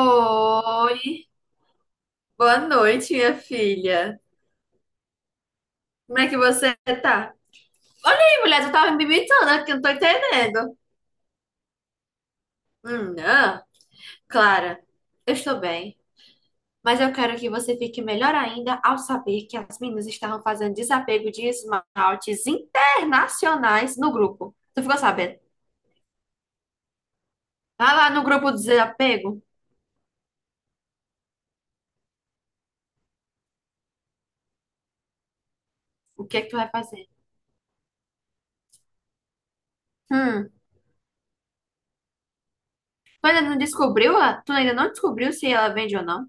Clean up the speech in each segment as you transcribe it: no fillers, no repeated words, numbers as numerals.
Oi, boa noite, minha filha. Como é que você tá? Olha aí, mulher, tu tava me imitando aqui, não tô entendendo. Ah. Clara, eu estou bem, mas eu quero que você fique melhor ainda ao saber que as meninas estavam fazendo desapego de esmaltes internacionais no grupo. Tu ficou sabendo? Vai lá no grupo do desapego, o que é que tu vai fazer? Hum, Tu ainda não descobriu? Ah? Tu ainda não descobriu se ela vende ou não?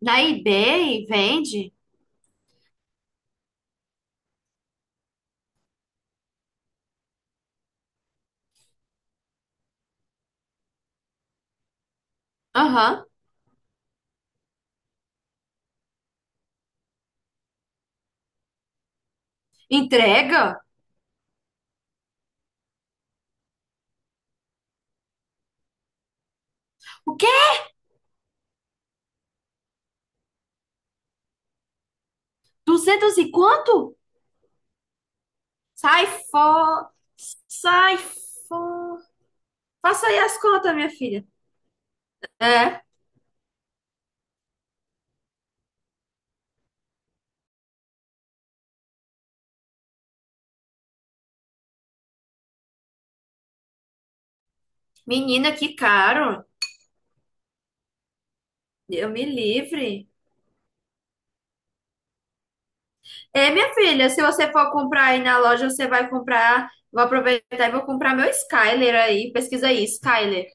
Na eBay, vende? Aham. Entrega? O quê? Duzentos e quanto? Sai fora. Sai fora. Faça aí as contas, minha filha. É, menina, que caro. Eu me livre. É, minha filha, se você for comprar aí na loja, você vai comprar. Vou aproveitar e vou comprar meu Skyler aí. Pesquisa aí, Skyler.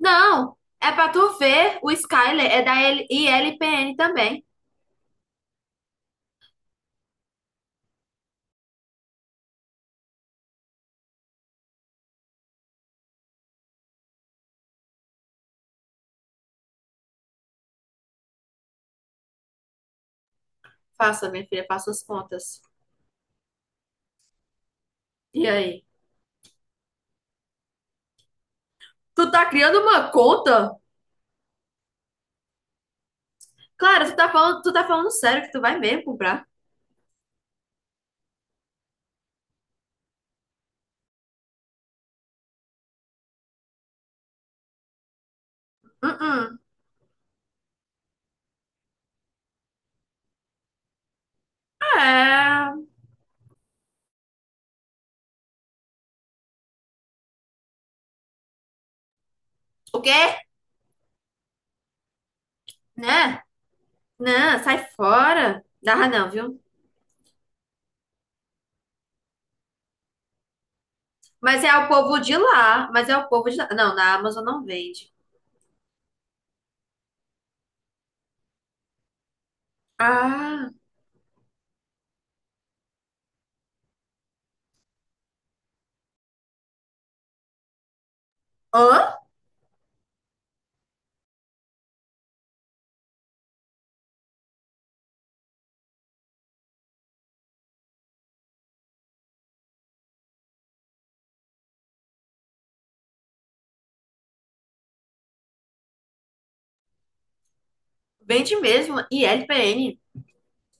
Não, é pra tu ver. O Skyler é da ILPN também. Faça, minha filha, faça as contas. E aí? Tu tá criando uma conta? Claro, tu tá falando sério que tu vai mesmo comprar? Hum, hum. É. O quê? Né? Não, sai fora. Dá não, viu? Mas é o povo de lá. Mas é o povo de lá. Não, na Amazon não vende. Ah. Hã? Vende mesmo. ILPN.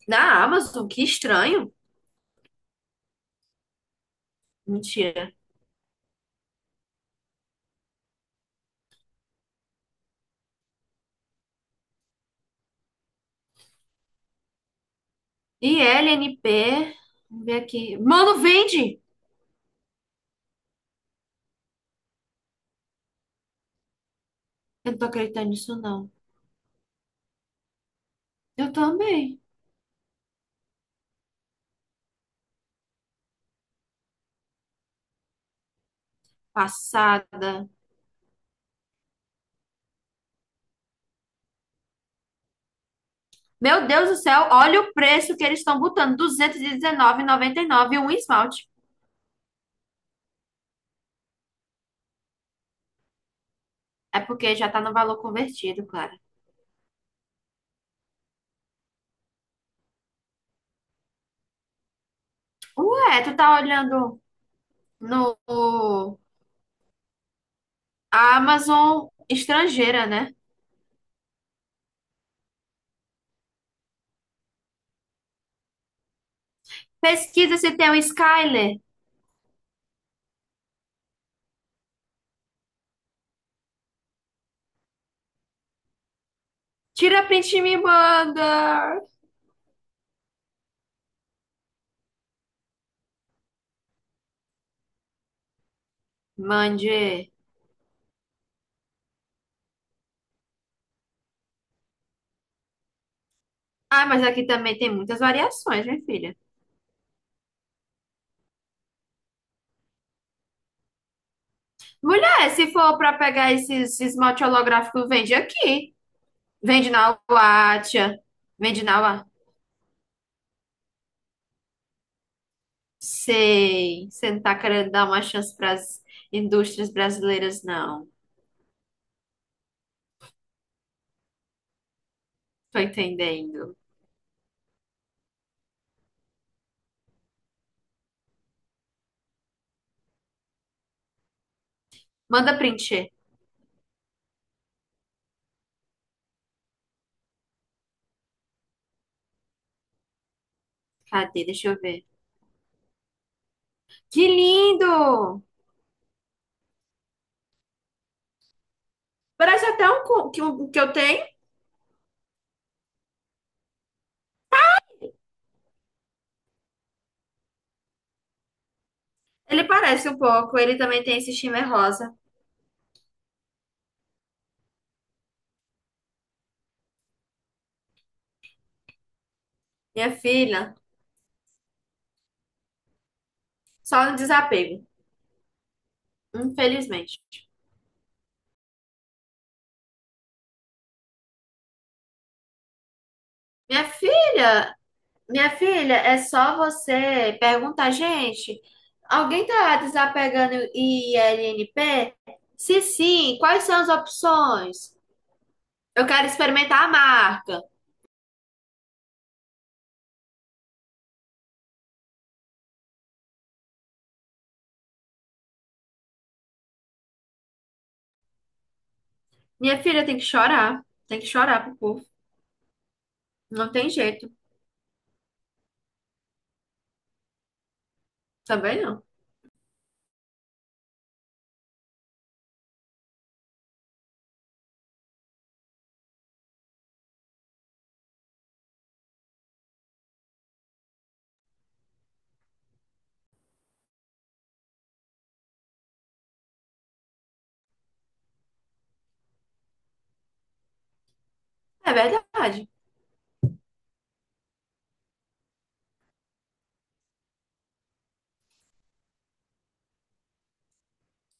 Na Amazon? Que estranho. Mentira. I L N P. Vamos ver aqui. Mano, vende! Eu não tô acreditando nisso, não. Eu também. Passada. Meu Deus do céu, olha o preço que eles estão botando, 219,99 um esmalte. É porque já tá no valor convertido, claro. Ué, tu tá olhando no a Amazon estrangeira, né? Pesquisa se tem um Skyler. Tira print e me manda. Mande. Ah, mas aqui também tem muitas variações, minha filha. Mulher, se for pra pegar esse esmalte holográfico, vende aqui. Vende na Watcha. Vende na Sei, você não tá querendo dar uma chance para as indústrias brasileiras, não. Tô entendendo. Manda print. Cadê? Deixa eu ver. Que lindo! Parece até um que eu tenho. Ele parece um pouco. Ele também tem esse shimmer rosa. Minha filha, só no desapego, infelizmente. Minha filha, minha filha, é só você perguntar, gente, alguém tá desapegando ILNP? Se sim, quais são as opções? Eu quero experimentar a marca. Minha filha tem que chorar. Tem que chorar pro povo. Não tem jeito. Também não. É verdade.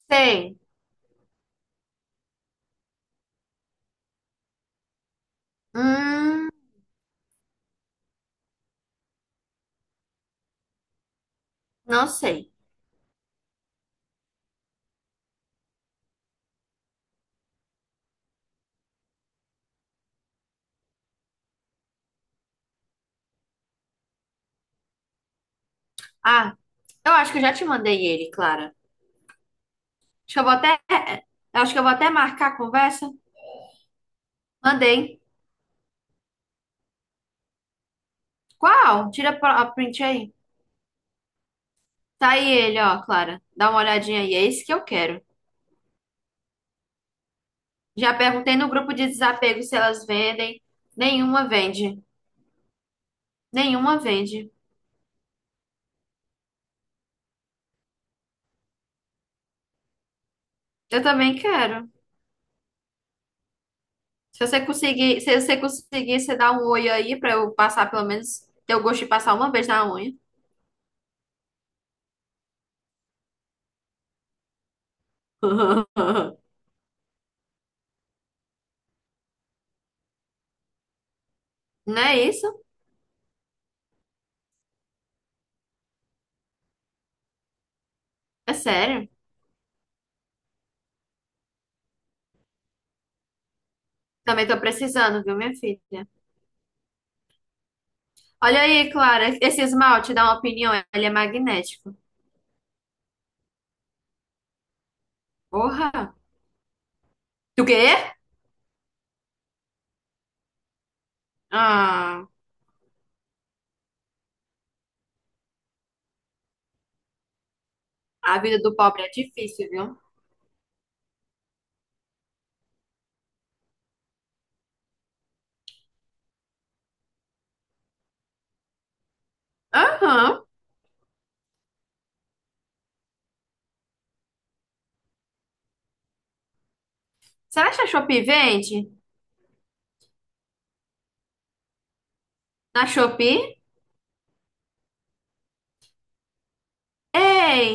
Tem. Hum, não sei. Ah, eu acho que eu já te mandei ele, Clara. Acho que eu vou até. É, Eu acho que eu vou até marcar a conversa. Mandei. Qual? Tira a print aí. Tá aí ele, ó, Clara. Dá uma olhadinha aí. É esse que eu quero. Já perguntei no grupo de desapego se elas vendem. Nenhuma vende. Nenhuma vende. Eu também quero. Se você conseguir, você dá um oi aí pra eu passar pelo menos, ter o gosto de passar uma vez na unha. Não é isso? É sério? Também tô precisando, viu, minha filha? Olha aí, Clara, esse esmalte, dá uma opinião, ele é magnético. Porra! Do quê? Ah, a vida do pobre é difícil, viu. Aham. Será que a Shopee vende? Na Shopee? Ei!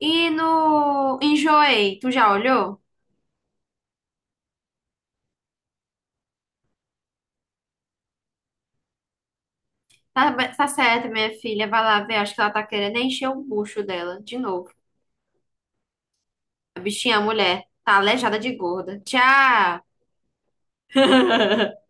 E no Enjoei, tu já olhou? Tá, tá certo, minha filha. Vai lá ver. Acho que ela tá querendo encher o bucho dela de novo. A bichinha, a mulher, tá aleijada de gorda. Tchau!